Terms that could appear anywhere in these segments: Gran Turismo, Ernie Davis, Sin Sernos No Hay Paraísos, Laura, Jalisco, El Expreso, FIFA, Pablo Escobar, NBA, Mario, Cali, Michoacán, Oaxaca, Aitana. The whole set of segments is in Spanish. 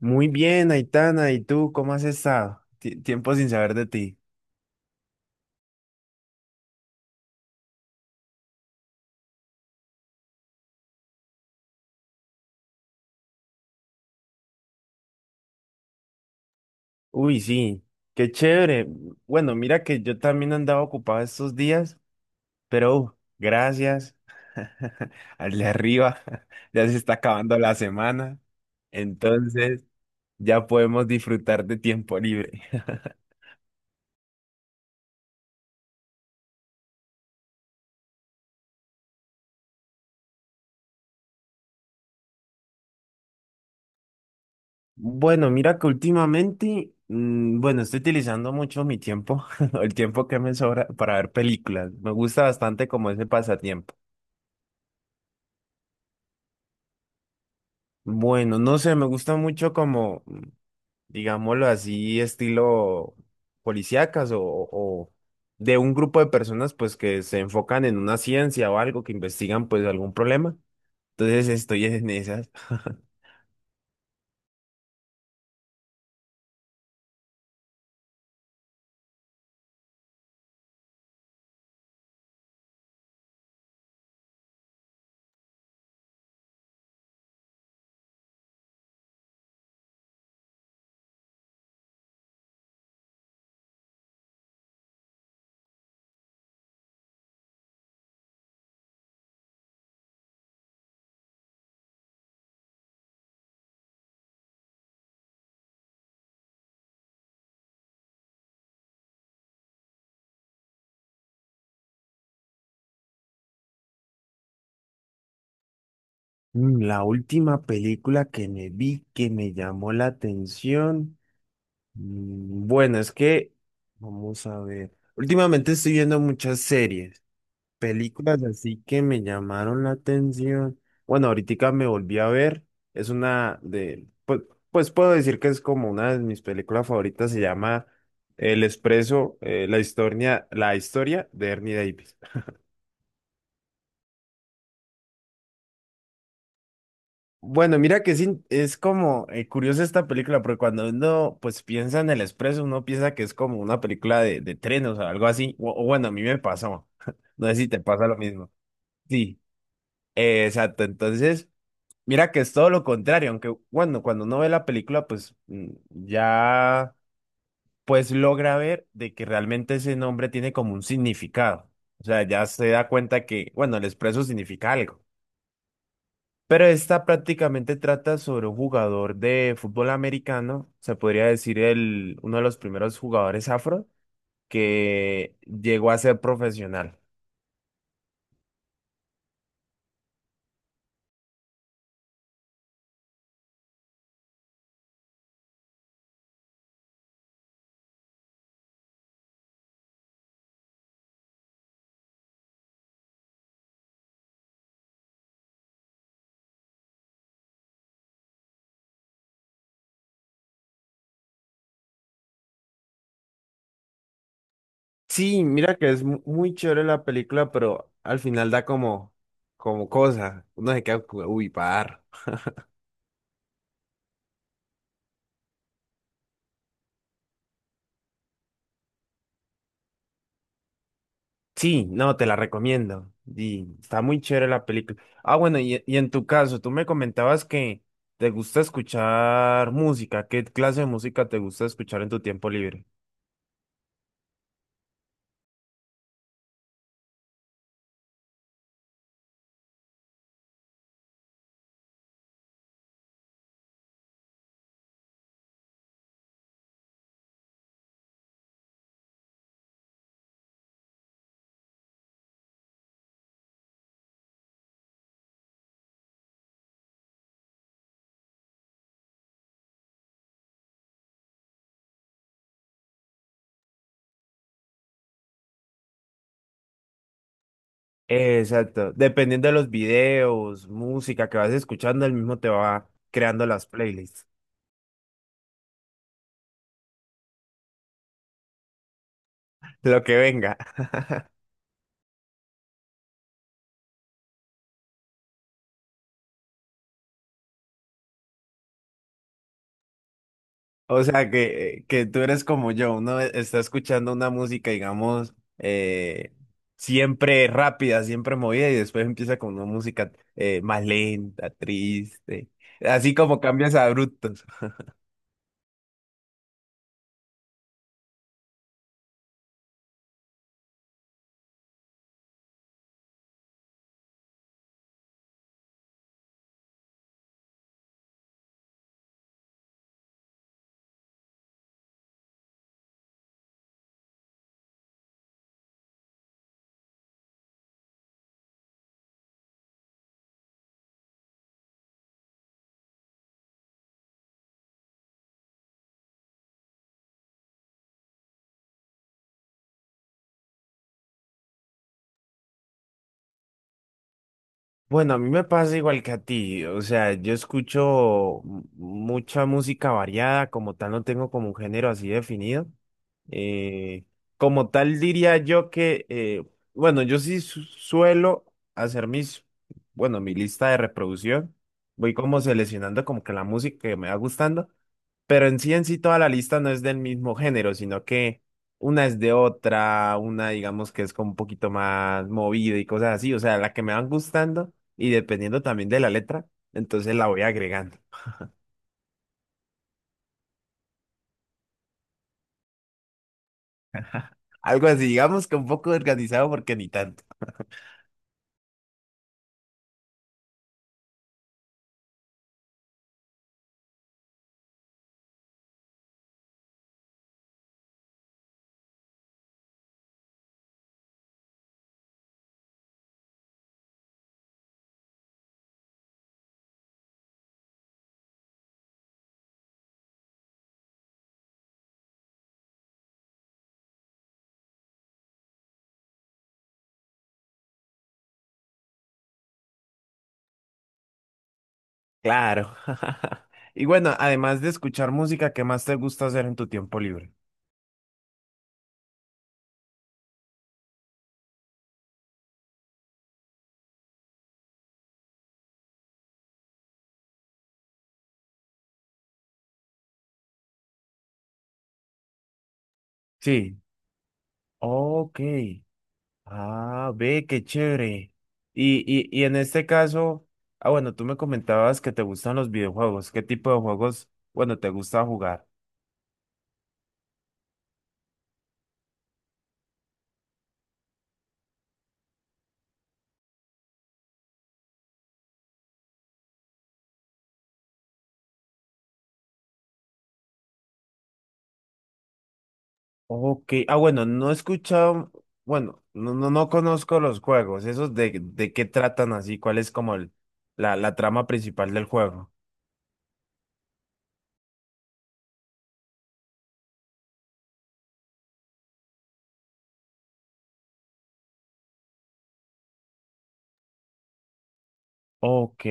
Muy bien, Aitana, ¿y tú cómo has estado? Tiempo sin saber de ti. Uy, sí, qué chévere. Bueno, mira que yo también andaba ocupado estos días, pero gracias al de arriba. Ya se está acabando la semana, entonces ya podemos disfrutar de tiempo libre. Bueno, mira que últimamente, bueno, estoy utilizando mucho mi tiempo, el tiempo que me sobra para ver películas. Me gusta bastante como ese pasatiempo. Bueno, no sé, me gusta mucho como, digámoslo así, estilo policíacas o de un grupo de personas pues que se enfocan en una ciencia o algo, que investigan pues algún problema. Entonces estoy en esas. La última película que me vi que me llamó la atención. Bueno, es que, vamos a ver. Últimamente estoy viendo muchas series. Películas así que me llamaron la atención. Bueno, ahorita me volví a ver. Es una de, pues, pues puedo decir que es como una de mis películas favoritas. Se llama El Expreso, la historia de Ernie Davis. Bueno, mira que es como curiosa esta película, porque cuando uno pues piensa en El Expreso, uno piensa que es como una película de trenes o algo así. O bueno, a mí me pasó. No sé si te pasa lo mismo. Sí, exacto. Entonces, mira que es todo lo contrario, aunque bueno, cuando uno ve la película, pues ya pues logra ver de que realmente ese nombre tiene como un significado. O sea, ya se da cuenta que, bueno, el expreso significa algo. Pero esta prácticamente trata sobre un jugador de fútbol americano, se podría decir el, uno de los primeros jugadores afro que llegó a ser profesional. Sí, mira que es muy chévere la película, pero al final da como, como cosa. Uno se queda, como, uy, par. Sí, no, te la recomiendo. Y está muy chévere la película. Ah, bueno, y en tu caso, tú me comentabas que te gusta escuchar música. ¿Qué clase de música te gusta escuchar en tu tiempo libre? Exacto. Dependiendo de los videos, música que vas escuchando, el mismo te va creando las playlists. Lo que venga. O sea, que tú eres como yo, uno está escuchando una música, digamos, siempre rápida, siempre movida, y después empieza con una música más lenta, triste, así como cambias abruptos. Bueno, a mí me pasa igual que a ti, o sea, yo escucho mucha música variada, como tal no tengo como un género así definido. Eh, como tal diría yo que, bueno, yo sí suelo hacer mis, bueno, mi lista de reproducción, voy como seleccionando como que la música que me va gustando, pero en sí toda la lista no es del mismo género, sino que una es de otra, una digamos que es como un poquito más movida y cosas así, o sea, la que me van gustando y dependiendo también de la letra, entonces la voy agregando. Algo así, digamos que un poco organizado porque ni tanto. Claro. Y bueno, además de escuchar música, ¿qué más te gusta hacer en tu tiempo libre? Sí. Ok. Ah, ve, qué chévere. Y en este caso, ah, bueno, tú me comentabas que te gustan los videojuegos. ¿Qué tipo de juegos, bueno, te gusta jugar? Ok, ah, bueno, no he escuchado, bueno, no conozco los juegos, esos de qué tratan así, cuál es como el, la trama principal del juego. Ok,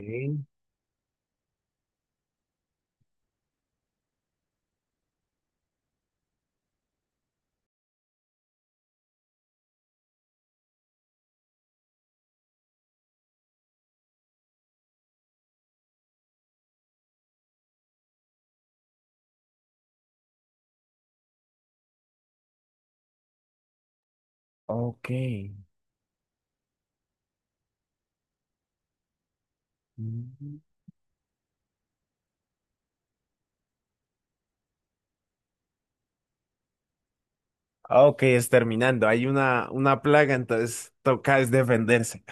ok. mm. Ah, ok, es terminando, hay una plaga, entonces toca es defenderse.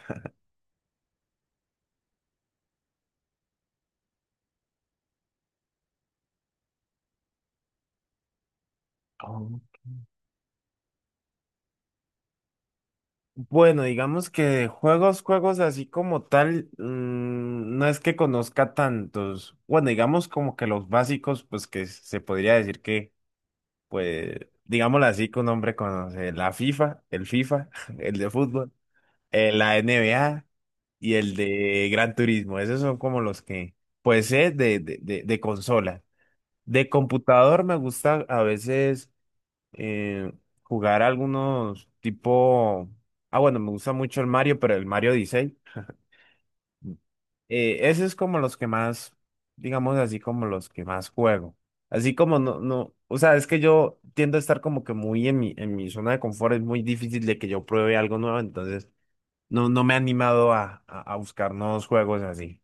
Oh. Bueno, digamos que juegos, juegos así como tal, no es que conozca tantos. Bueno, digamos como que los básicos, pues que se podría decir que pues, digámoslo así, que un hombre conoce la FIFA, el FIFA, el de fútbol, la NBA y el de Gran Turismo. Esos son como los que, pues, es de, de consola. De computador me gusta a veces eh, jugar algunos tipo... Ah, bueno, me gusta mucho el Mario, pero el Mario 16. Ese es como los que más, digamos así, como los que más juego. Así como no, no, o sea, es que yo tiendo a estar como que muy en mi zona de confort, es muy difícil de que yo pruebe algo nuevo, entonces no, no me he animado a buscar nuevos juegos así.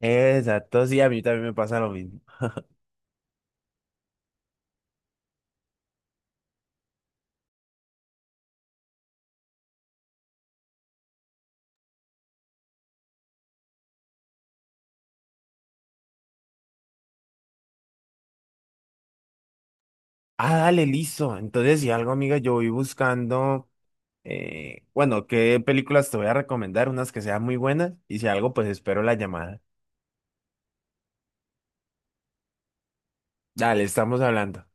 Exacto, sí, a mí también me pasa lo mismo. Ah, dale, listo. Entonces, si algo, amiga, yo voy buscando, bueno, qué películas te voy a recomendar, unas que sean muy buenas, y si algo, pues espero la llamada. Dale, estamos hablando.